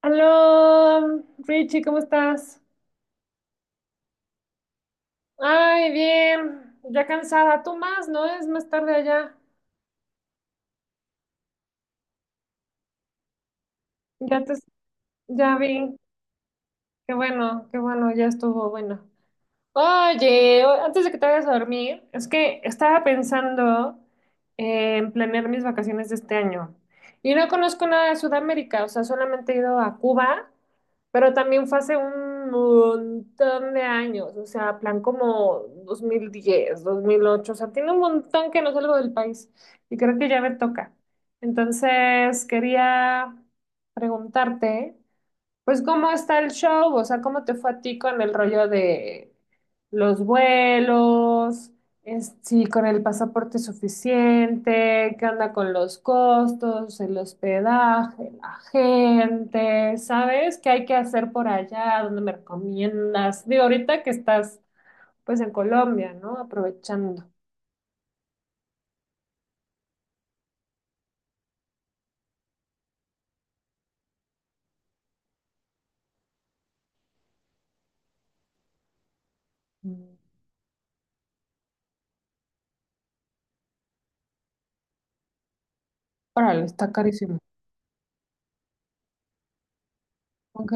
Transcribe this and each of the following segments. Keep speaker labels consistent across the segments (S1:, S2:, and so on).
S1: Aló, Richie, ¿cómo estás? Ay, bien, ya cansada. Tú más, ¿no? Es más tarde allá. Ya te, ya vi. Qué bueno, ya estuvo bueno. Oye, antes de que te vayas a dormir, es que estaba pensando en planear mis vacaciones de este año. Y no conozco nada de Sudamérica, o sea, solamente he ido a Cuba, pero también fue hace un montón de años, o sea, plan como dos mil diez, 2008, o sea, tiene un montón que no salgo del país y creo que ya me toca. Entonces, quería preguntarte. Pues, ¿cómo está el show? O sea, ¿cómo te fue a ti con el rollo de los vuelos? Si con el pasaporte suficiente, ¿qué onda con los costos, el hospedaje, la gente? ¿Sabes qué hay que hacer por allá? ¿Dónde me recomiendas? Digo, ahorita que estás pues en Colombia, ¿no? Aprovechando. Mm. Órale, está carísimo. Ok.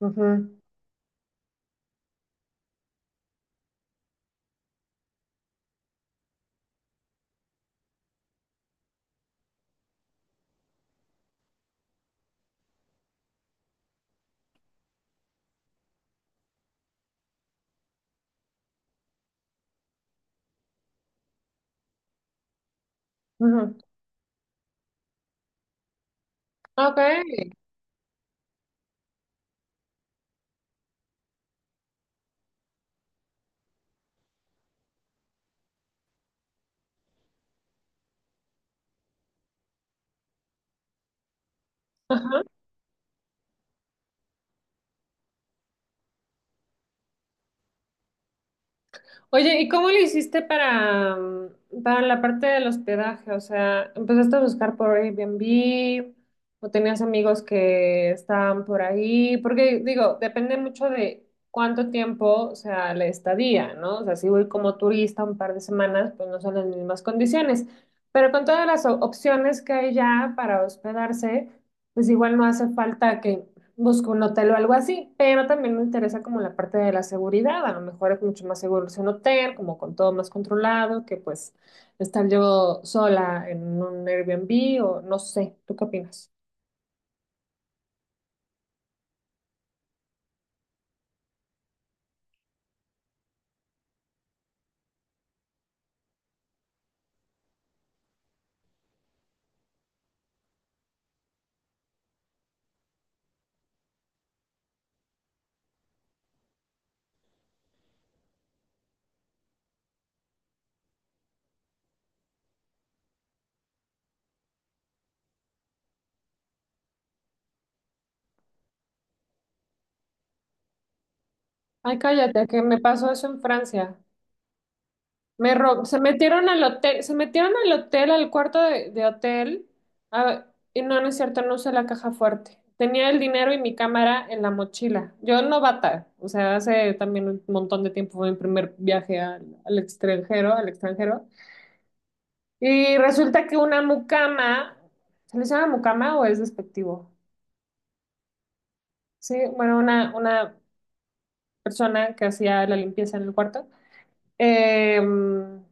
S1: Ujú, ujú. Ok. Ajá. Oye, ¿y cómo le hiciste para la parte del hospedaje? O sea, ¿empezaste a buscar por Airbnb o tenías amigos que estaban por ahí? Porque digo, depende mucho de cuánto tiempo, o sea, la estadía, ¿no? O sea, si voy como turista un par de semanas, pues no son las mismas condiciones. Pero con todas las opciones que hay ya para hospedarse, pues igual no hace falta que busco un hotel o algo así, pero también me interesa como la parte de la seguridad, a lo mejor es mucho más seguro irse a un hotel, como con todo más controlado, que pues estar yo sola en un Airbnb o no sé, ¿tú qué opinas? Ay, cállate, que me pasó eso en Francia. Se metieron al hotel, al cuarto de hotel, a- y no, no es cierto, no usé la caja fuerte. Tenía el dinero y mi cámara en la mochila. Yo novata, o sea, hace también un montón de tiempo fue mi primer viaje al extranjero. Y resulta que una mucama, ¿se le llama mucama o es despectivo? Sí, bueno, una persona que hacía la limpieza en el cuarto, em,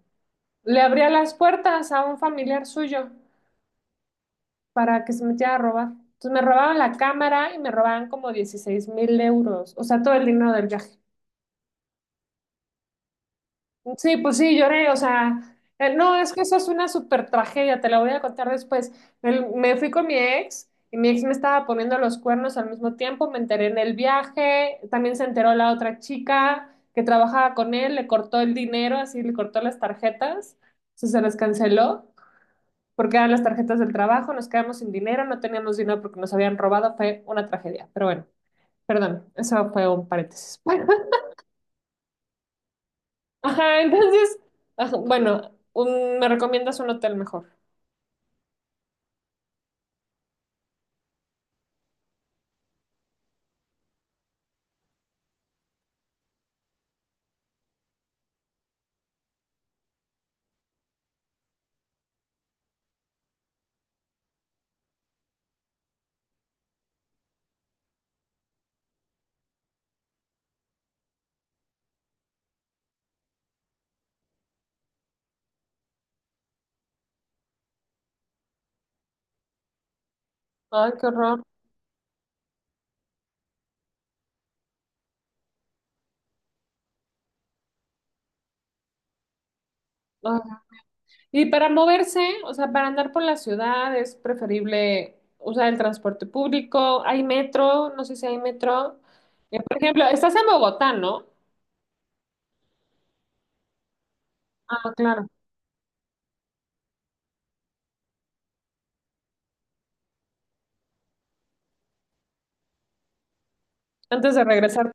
S1: le abría las puertas a un familiar suyo para que se metiera a robar. Entonces me robaban la cámara y me robaban como 16.000 euros, o sea, todo el dinero del viaje. Sí, pues sí, lloré, o sea, no, es que eso es una super tragedia, te la voy a contar después. Me fui con mi ex y mi ex me estaba poniendo los cuernos al mismo tiempo, me enteré en el viaje, también se enteró la otra chica que trabajaba con él, le cortó el dinero, así le cortó las tarjetas, o sea, se las canceló porque eran las tarjetas del trabajo, nos quedamos sin dinero, no teníamos dinero porque nos habían robado, fue una tragedia. Pero bueno, perdón, eso fue un paréntesis. Ajá, entonces, ajá, bueno, me recomiendas un hotel mejor. Ay, qué horror. Ay. Y para moverse, o sea, para andar por la ciudad es preferible usar el transporte público. Hay metro, no sé si hay metro. Por ejemplo, estás en Bogotá, ¿no? Ah, claro. Antes de regresar.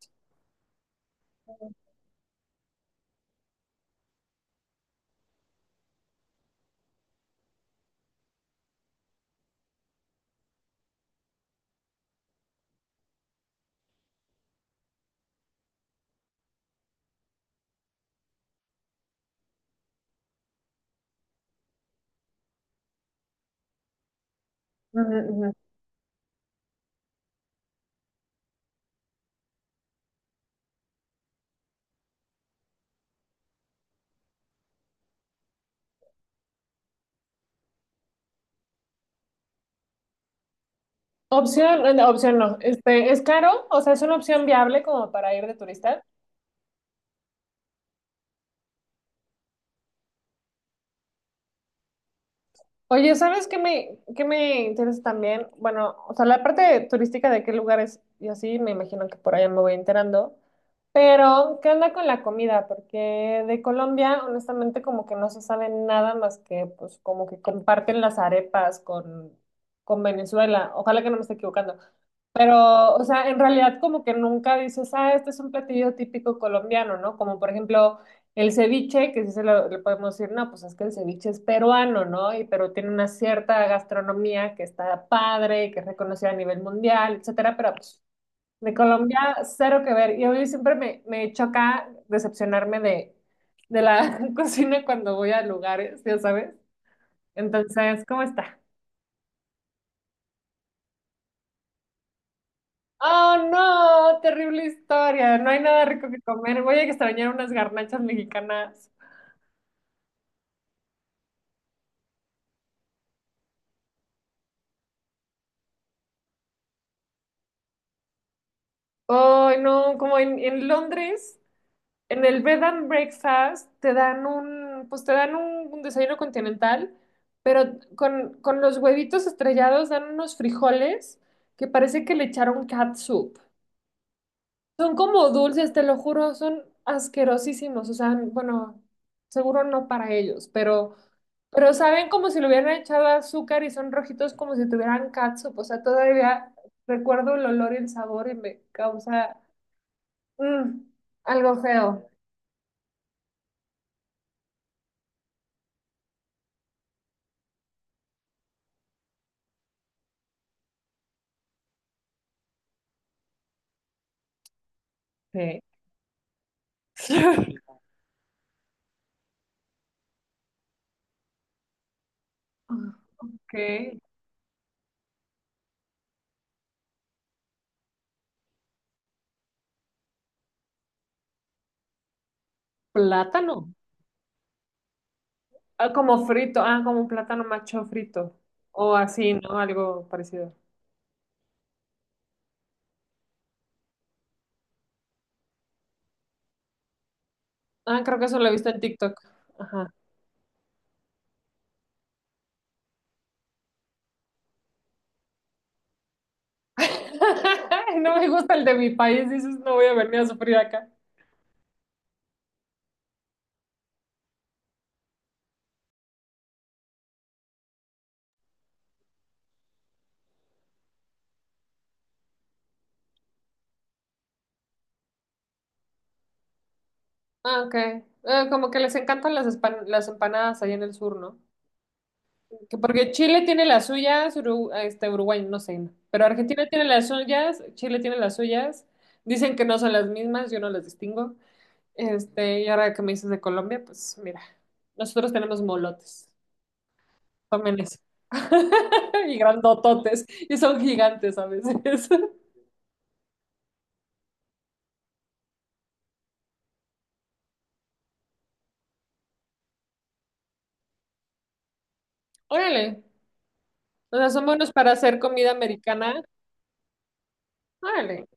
S1: Opción, no, opción no. Es caro, o sea, es una opción viable como para ir de turista. Oye, ¿sabes qué me interesa también? Bueno, o sea, la parte turística de qué lugares y así, me imagino que por allá me voy enterando. Pero, ¿qué onda con la comida? Porque de Colombia, honestamente, como que no se sabe nada más que, pues, como que comparten las arepas con Venezuela. Ojalá que no me esté equivocando. Pero, o sea, en realidad como que nunca dices, ah, este es un platillo típico colombiano, ¿no? Como por ejemplo el ceviche, que sí le podemos decir, no, pues es que el ceviche es peruano, ¿no? Y pero tiene una cierta gastronomía que está padre, que es reconocida a nivel mundial, etcétera, pero pues de Colombia cero que ver. Y hoy siempre me choca decepcionarme de la cocina cuando voy a lugares, ya sabes. Entonces, ¿cómo está? Oh, no, terrible historia. No hay nada rico que comer. Voy a extrañar unas garnachas mexicanas. Oh, no, como en Londres, en el bed and breakfast te dan un, pues te dan un desayuno continental, pero con los huevitos estrellados dan unos frijoles que parece que le echaron catsup. Son como dulces, te lo juro, son asquerosísimos. O sea, bueno, seguro no para ellos, pero saben como si le hubieran echado azúcar y son rojitos como si tuvieran catsup. O sea, todavía recuerdo el olor y el sabor y me causa mm, algo feo. Sí. Ok. Plátano. Ah, como frito, ah, como un plátano macho frito. O así, ¿no? Algo parecido. Ah, creo que eso lo he visto en TikTok. Ajá. No me gusta el de mi país, dices, no voy a venir a sufrir acá. Ah, ok. Como que les encantan las empanadas allá en el sur, ¿no? Que porque Chile tiene las suyas, Uruguay, no sé, no, pero Argentina tiene las suyas, Chile tiene las suyas, dicen que no son las mismas, yo no las distingo. Y ahora que me dices de Colombia, pues mira, nosotros tenemos molotes, tomen eso. Y grandototes, y son gigantes a veces. Órale. O sea, son buenos para hacer comida americana. Órale,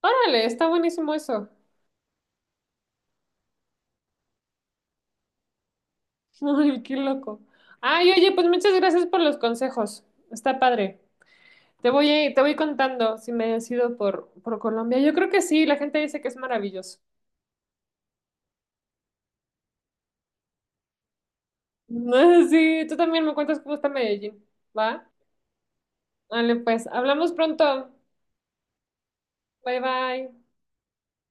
S1: órale, está buenísimo eso. Ay, qué loco. Ay, oye, pues muchas gracias por los consejos. Está padre. Te voy contando si me decido por Colombia. Yo creo que sí, la gente dice que es maravilloso. Sí, tú también me cuentas cómo está Medellín, ¿va? Vale, pues, hablamos pronto. Bye, bye.